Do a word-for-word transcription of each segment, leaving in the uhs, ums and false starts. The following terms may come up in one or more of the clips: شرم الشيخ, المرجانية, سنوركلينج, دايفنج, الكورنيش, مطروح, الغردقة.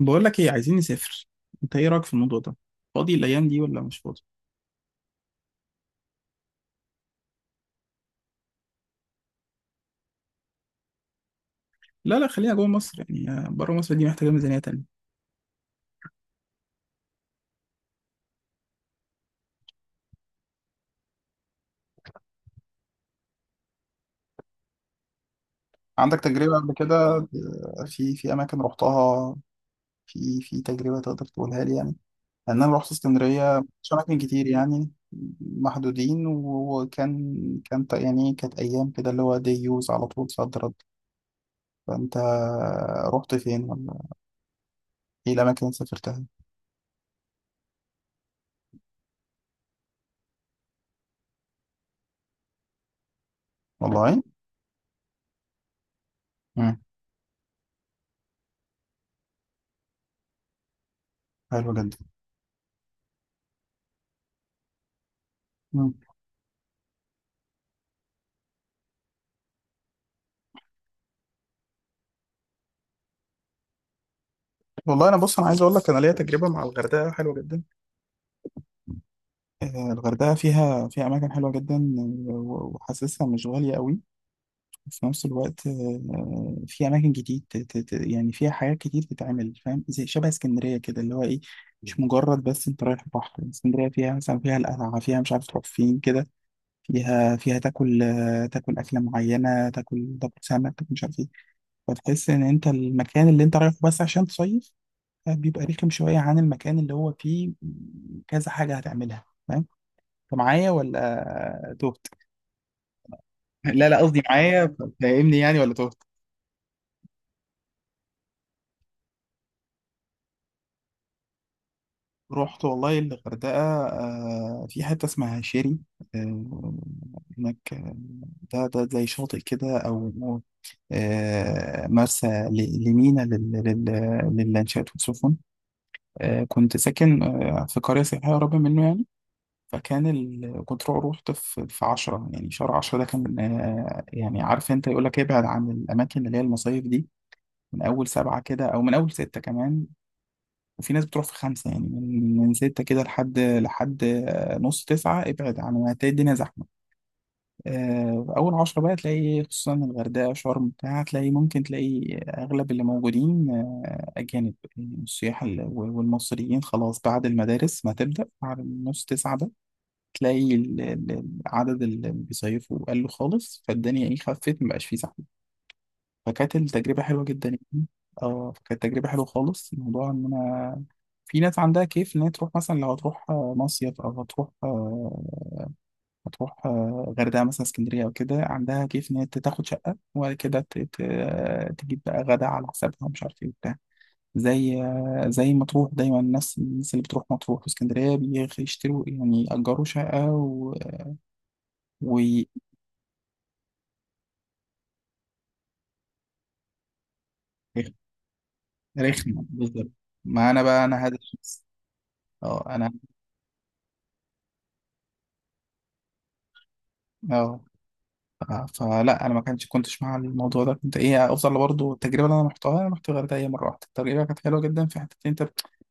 بقول لك ايه، عايزين نسافر. انت ايه رايك في الموضوع ده؟ فاضي الايام دي ولا مش فاضي؟ لا، لا، خلينا جوه مصر، يعني بره مصر دي محتاجه ميزانيه تانية. عندك تجربة قبل كده ب- في في أماكن رحتها؟ في في تجربة تقدر تقولها لي يعني؟ لأن أنا رحت اسكندرية، مش أماكن كتير يعني، محدودين، و- وكان، كانت يعني كانت أيام كده اللي هو دي يوز على طول صد رد. فأنت رحت فين، ولا إيه الأماكن اللي سافرتها؟ والله. مم. حلو جدا. والله انا، بص، انا عايز اقول لك، انا ليا تجربه مع الغردقه حلوه جدا. آه، الغردقه فيها فيها اماكن حلوه جدا، آه، و- وحاسسها مش غاليه قوي. وفي نفس الوقت آه، في اماكن جديد ت- ت- ت- يعني فيها حاجات كتير تتعمل، فاهم؟ زي شبه اسكندريه كده، اللي هو ايه، مش مجرد بس انت رايح بحر. اسكندريه فيها مثلا، فيها القلعه، فيها مش عارف تروح فين كده، فيها فيها تاكل، آه، تاكل اكله معينه، تاكل تاكل سمك، تاكل مش عارف ايه. فتحس ان انت المكان اللي انت رايحه بس عشان تصيف بيبقى رخم شوية عن المكان اللي هو فيه كذا حاجة هتعملها، فاهم؟ انت معايا ولا تهت؟ لا، لا، قصدي معايا، فاهمني يعني ولا تهت؟ رحت والله الغردقة. آه، في حتة اسمها شيري آه، هناك، آه، ده ده زي شاطئ كده، أو آه، مرسى، ل- لمينا، لل- لل- للانشاءات والسفن. آه، كنت ساكن آه، في قرية سياحية قريبة منه يعني. فكان ال... كنت رو- رحت في في عشرة، يعني شهر عشرة، ده كان آه، يعني، عارف انت، يقول لك ابعد عن الاماكن اللي هي المصايف دي من اول سبعه كده او من اول سته كمان. وفي ناس بتروح في خمسه يعني، من من سته كده لحد لحد آه، نص تسعه. ابعد عن، هتلاقي الدنيا زحمه. آه، اول عشرة بقى، تلاقي خصوصا الغردقه، شرم بتاع، تلاقي، ممكن تلاقي اغلب اللي موجودين آه، اجانب يعني، السياح، ال- والمصريين خلاص، بعد المدارس ما تبدا، بعد نص تسعه، تلاقي ال- ال- العدد اللي بيصيفوا قل خالص، فالدنيا ايه، خفت، مبقاش فيه زحمه. فكانت التجربه حلوه جدا يعني. اه، فكانت تجربه حلوه خالص. الموضوع ان انا، في ناس عندها كيف ان هي تروح، مثلا لو هتروح آه، مصيف، او هتروح آه، هتروح آه، غردقه مثلا، اسكندريه او كده، عندها كيف ان هي تاخد شقه، وبعد كده ت- ت- تجيب بقى غدا على حسابها، مش عارف ايه وبتاع. زي آه، زي مطروح دايما، الناس الناس اللي بتروح مطروح واسكندريه بيشتروا يعني، يأجروا شقه و... ويخلوا. رخمة بالظبط. ما انا بقى انا هذا الشخص. اه، انا. اه. ف- فلا، انا ما كانش كنتش مع الموضوع ده، كنت ايه، افضل برضه التجربه اللي انا رحتها. انا رحت الغردقه هي مره واحده، التجربه كانت حلوه جدا، في حته إن انت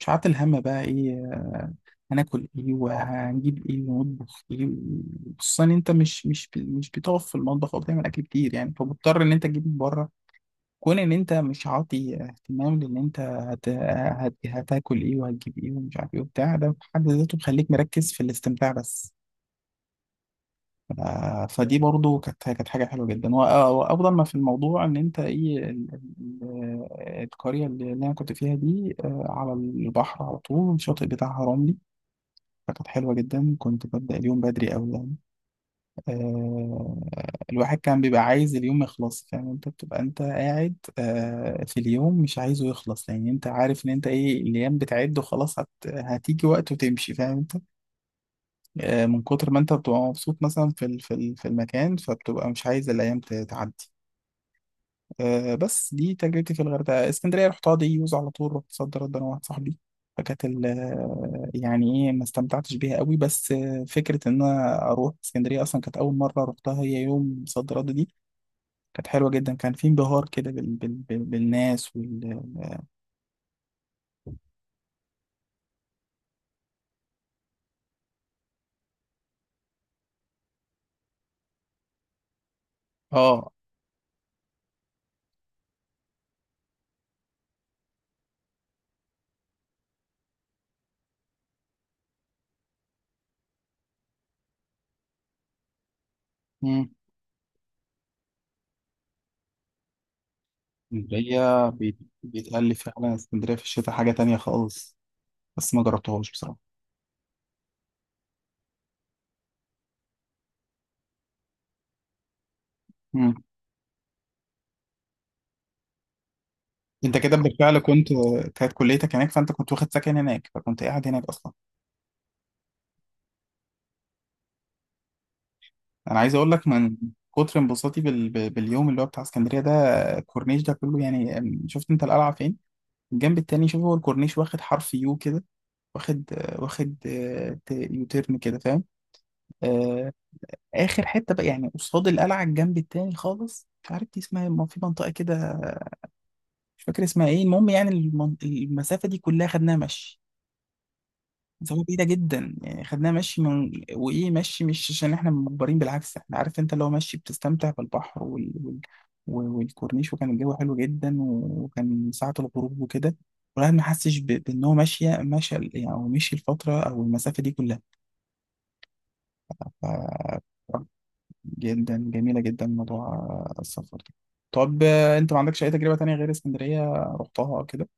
مش عارف الهم بقى ايه، آه، هناكل ايه، وهنجيب ايه، ونطبخ ايه، خصوصا إن انت مش مش مش بتقف في المطبخ او بتعمل اكل كتير يعني، فمضطر ان انت تجيب من بره. كون ان انت مش عاطي اهتمام لان انت هت... هت... هتاكل ايه، وهتجيب ايه، ومش عارف ايه وبتاع، ده في حد ذاته بيخليك مركز في الاستمتاع بس. ف... فدي برضو كانت كانت حاجه حلوه جدا. وأ- وافضل ما في الموضوع ان انت ايه ال... ال... القريه اللي اللي انا كنت فيها دي آه، على البحر، على طول الشاطئ بتاعها رملي. فكانت حلوه جدا، كنت ببدا اليوم بدري قوي. آه، الواحد كان بيبقى عايز اليوم يخلص، فاهم انت؟ بتبقى انت قاعد آه، في اليوم مش عايزه يخلص، لان انت عارف ان انت ايه، الايام بتعد وخلاص، هت... هتيجي وقت وتمشي، فاهم انت؟ آه، من كتر ما انت بتبقى مبسوط مثلا في ال... في ال... في المكان، فبتبقى مش عايز الايام ت- تعدي. آه، بس دي تجربتي في الغردقه. اسكندريه رحتها دي يوز على طول، رحت صد رد انا واحد صاحبي. فكانت ال- آه، يعني ايه، ما استمتعتش بيها قوي، بس آه، فكره ان انا اروح اسكندريه اصلا، كانت اول مره رحتها هي يوم صد رد دي، كانت حلوة جدا، كان في انبهار كده بال... بال... بال... بالناس وال... اه. مم. اسكندرية بيت... بيتقال لي فعلا اسكندرية في الشتاء حاجة تانية خالص، بس ما جربتهاش بصراحة. مم. انت كده بالفعل كنت، كانت كليتك هناك، فانت كنت واخد سكن هناك، فكنت قاعد هناك اصلا. انا عايز اقول لك من كتر انبساطي بال... بال- باليوم اللي هو بتاع اسكندرية ده، الكورنيش ده كله يعني، أم، شفت انت القلعة فين؟ الجنب التاني، شوف، هو الكورنيش واخد حرف يو كده، واخد واخد آه، ت- يوتيرن كده، فاهم؟ آه، اخر حته بقى يعني قصاد القلعه الجنب التاني خالص، مش عارف دي اسمها إيه، ما في منطقه كده، مش فاكر اسمها ايه. المهم يعني المن... المسافه دي كلها خدناها مشي، مسافه بعيده جدا يعني. خدناها مشي من وايه، مشي، مش عشان احنا مجبرين، بالعكس، احنا عارف انت، لو مشي بتستمتع بالبحر وال... وال... والكورنيش، وكان الجو حلو جدا، وكان ساعه الغروب وكده، والواحد ما حسش ب... بان هو ماشيه ماشي يعني، او مشي الفتره او المسافه دي كلها. جدا، جميلة جدا موضوع آه، السفر ده. طب آه، انت ما عندكش اي تجربة تانية غير اسكندرية رحتها او كده؟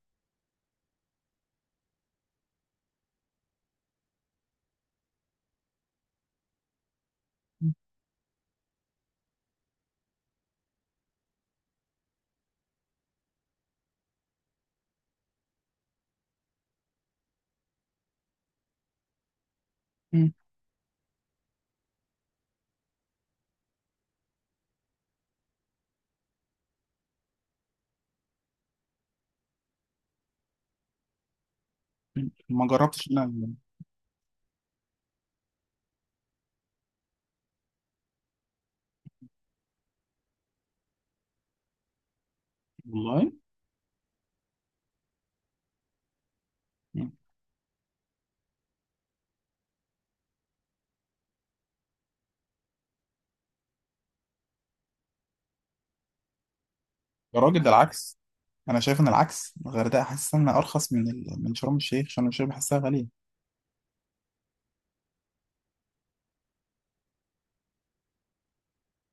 مم. مم. ما جربتش. لا، لا. والله. مم. يا راجل، ده العكس، انا شايف ان العكس، الغردقة حاسس انها ارخص من ال... من شرم الشيخ، شرم الشيخ بحسها غالية.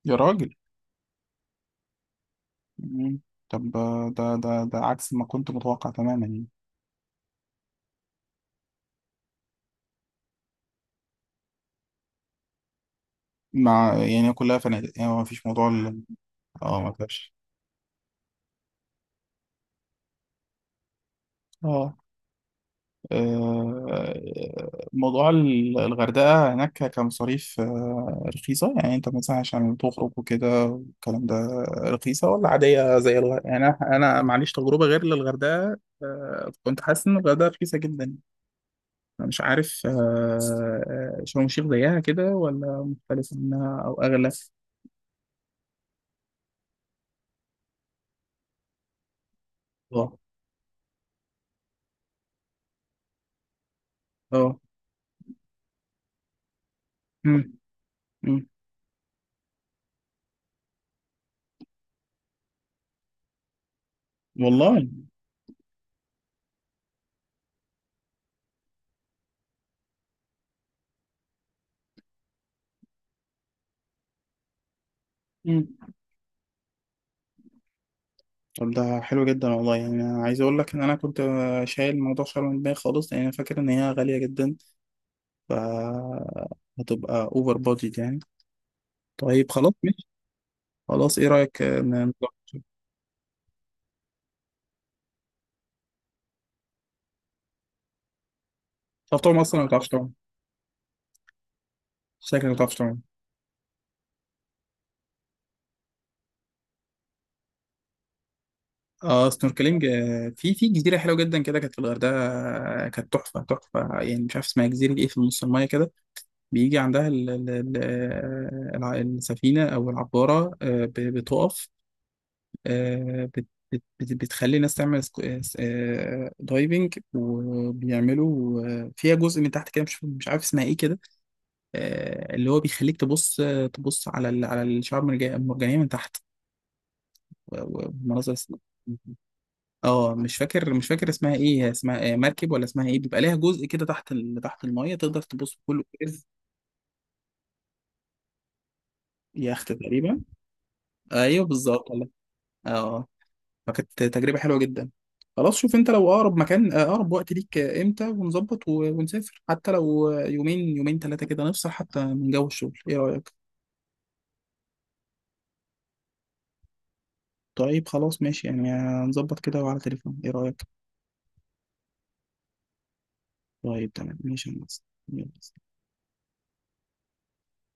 يا راجل. مم. طب آه، ده ده ده عكس ما كنت متوقع تماما يعني. مع يعني كلها فنادق يعني، ما فيش موضوع ال... اه، ما فيش. اه. آه، موضوع ال- الغردقة هناك ك- كمصاريف، آه، رخيصة يعني، انت مثلا عشان تخرج وكده والكلام ده، رخيصة ولا عادية زي الغردقة يعني؟ انا، أنا معليش، تجربة غير للغردقة، آه، كنت حاسس ان الغردقة رخيصة جدا، أنا مش عارف آه، آه، شرم الشيخ زيها كده ولا مختلفة منها او اغلى؟ اه، اه. أمم. أمم. والله. طب ده حلو جدا والله يعني. أنا عايز اقول لك ان انا كنت شايل الموضوع، شايل من دماغي خالص، لان انا فاكر ان هي غاليه جدا. ف هتبقى اوفر بادجت يعني. طيب خلاص، ماشي. خلاص، ايه رايك ان، تعرف تعوم اصلا ولا ما تعرفش تعوم؟ شكلك ما تعرفش تعوم. اه، سنوركلينج. آه، في في جزيره حلوه جدا كده كانت في الغردقه، آه، كانت تحفه، تحفه يعني، مش عارف اسمها جزيره ايه، في نص المايه كده. بيجي عندها ال ال ال الع- السفينه او العباره، آه، ب- بتقف، آه، بت بت بت بتخلي الناس تعمل سكو- آه، س- آه، دايفنج، وبيعملوا آه، فيها جزء من تحت كده، مش مش عارف اسمها ايه كده، آه، اللي هو بيخليك تبص، آه، تبص على ال- على الشعاب المرج- المرجانية من تحت، و- ومناظر الس- اه، مش فاكر مش فاكر اسمها ايه هي، اسمها آه، مركب ولا اسمها ايه، بيبقى ليها جزء كده تحت ال... تحت المية، تقدر تبص بكل كويس. يخت تقريبا. ايوه، بالظبط والله. اه. فكانت تجربة حلوة جدا. خلاص، شوف انت لو اقرب مكان، آه، اقرب وقت ليك آه، امتى، ونظبط و- ونسافر، حتى لو آه، يومين، يومين ثلاثة كده، نفصل حتى من جو الشغل. ايه رأيك؟ طيب خلاص، ماشي يعني، هنظبط كده وعلى تليفون. ايه رأيك؟ طيب، تمام، ماشي يا هندسة. يلا.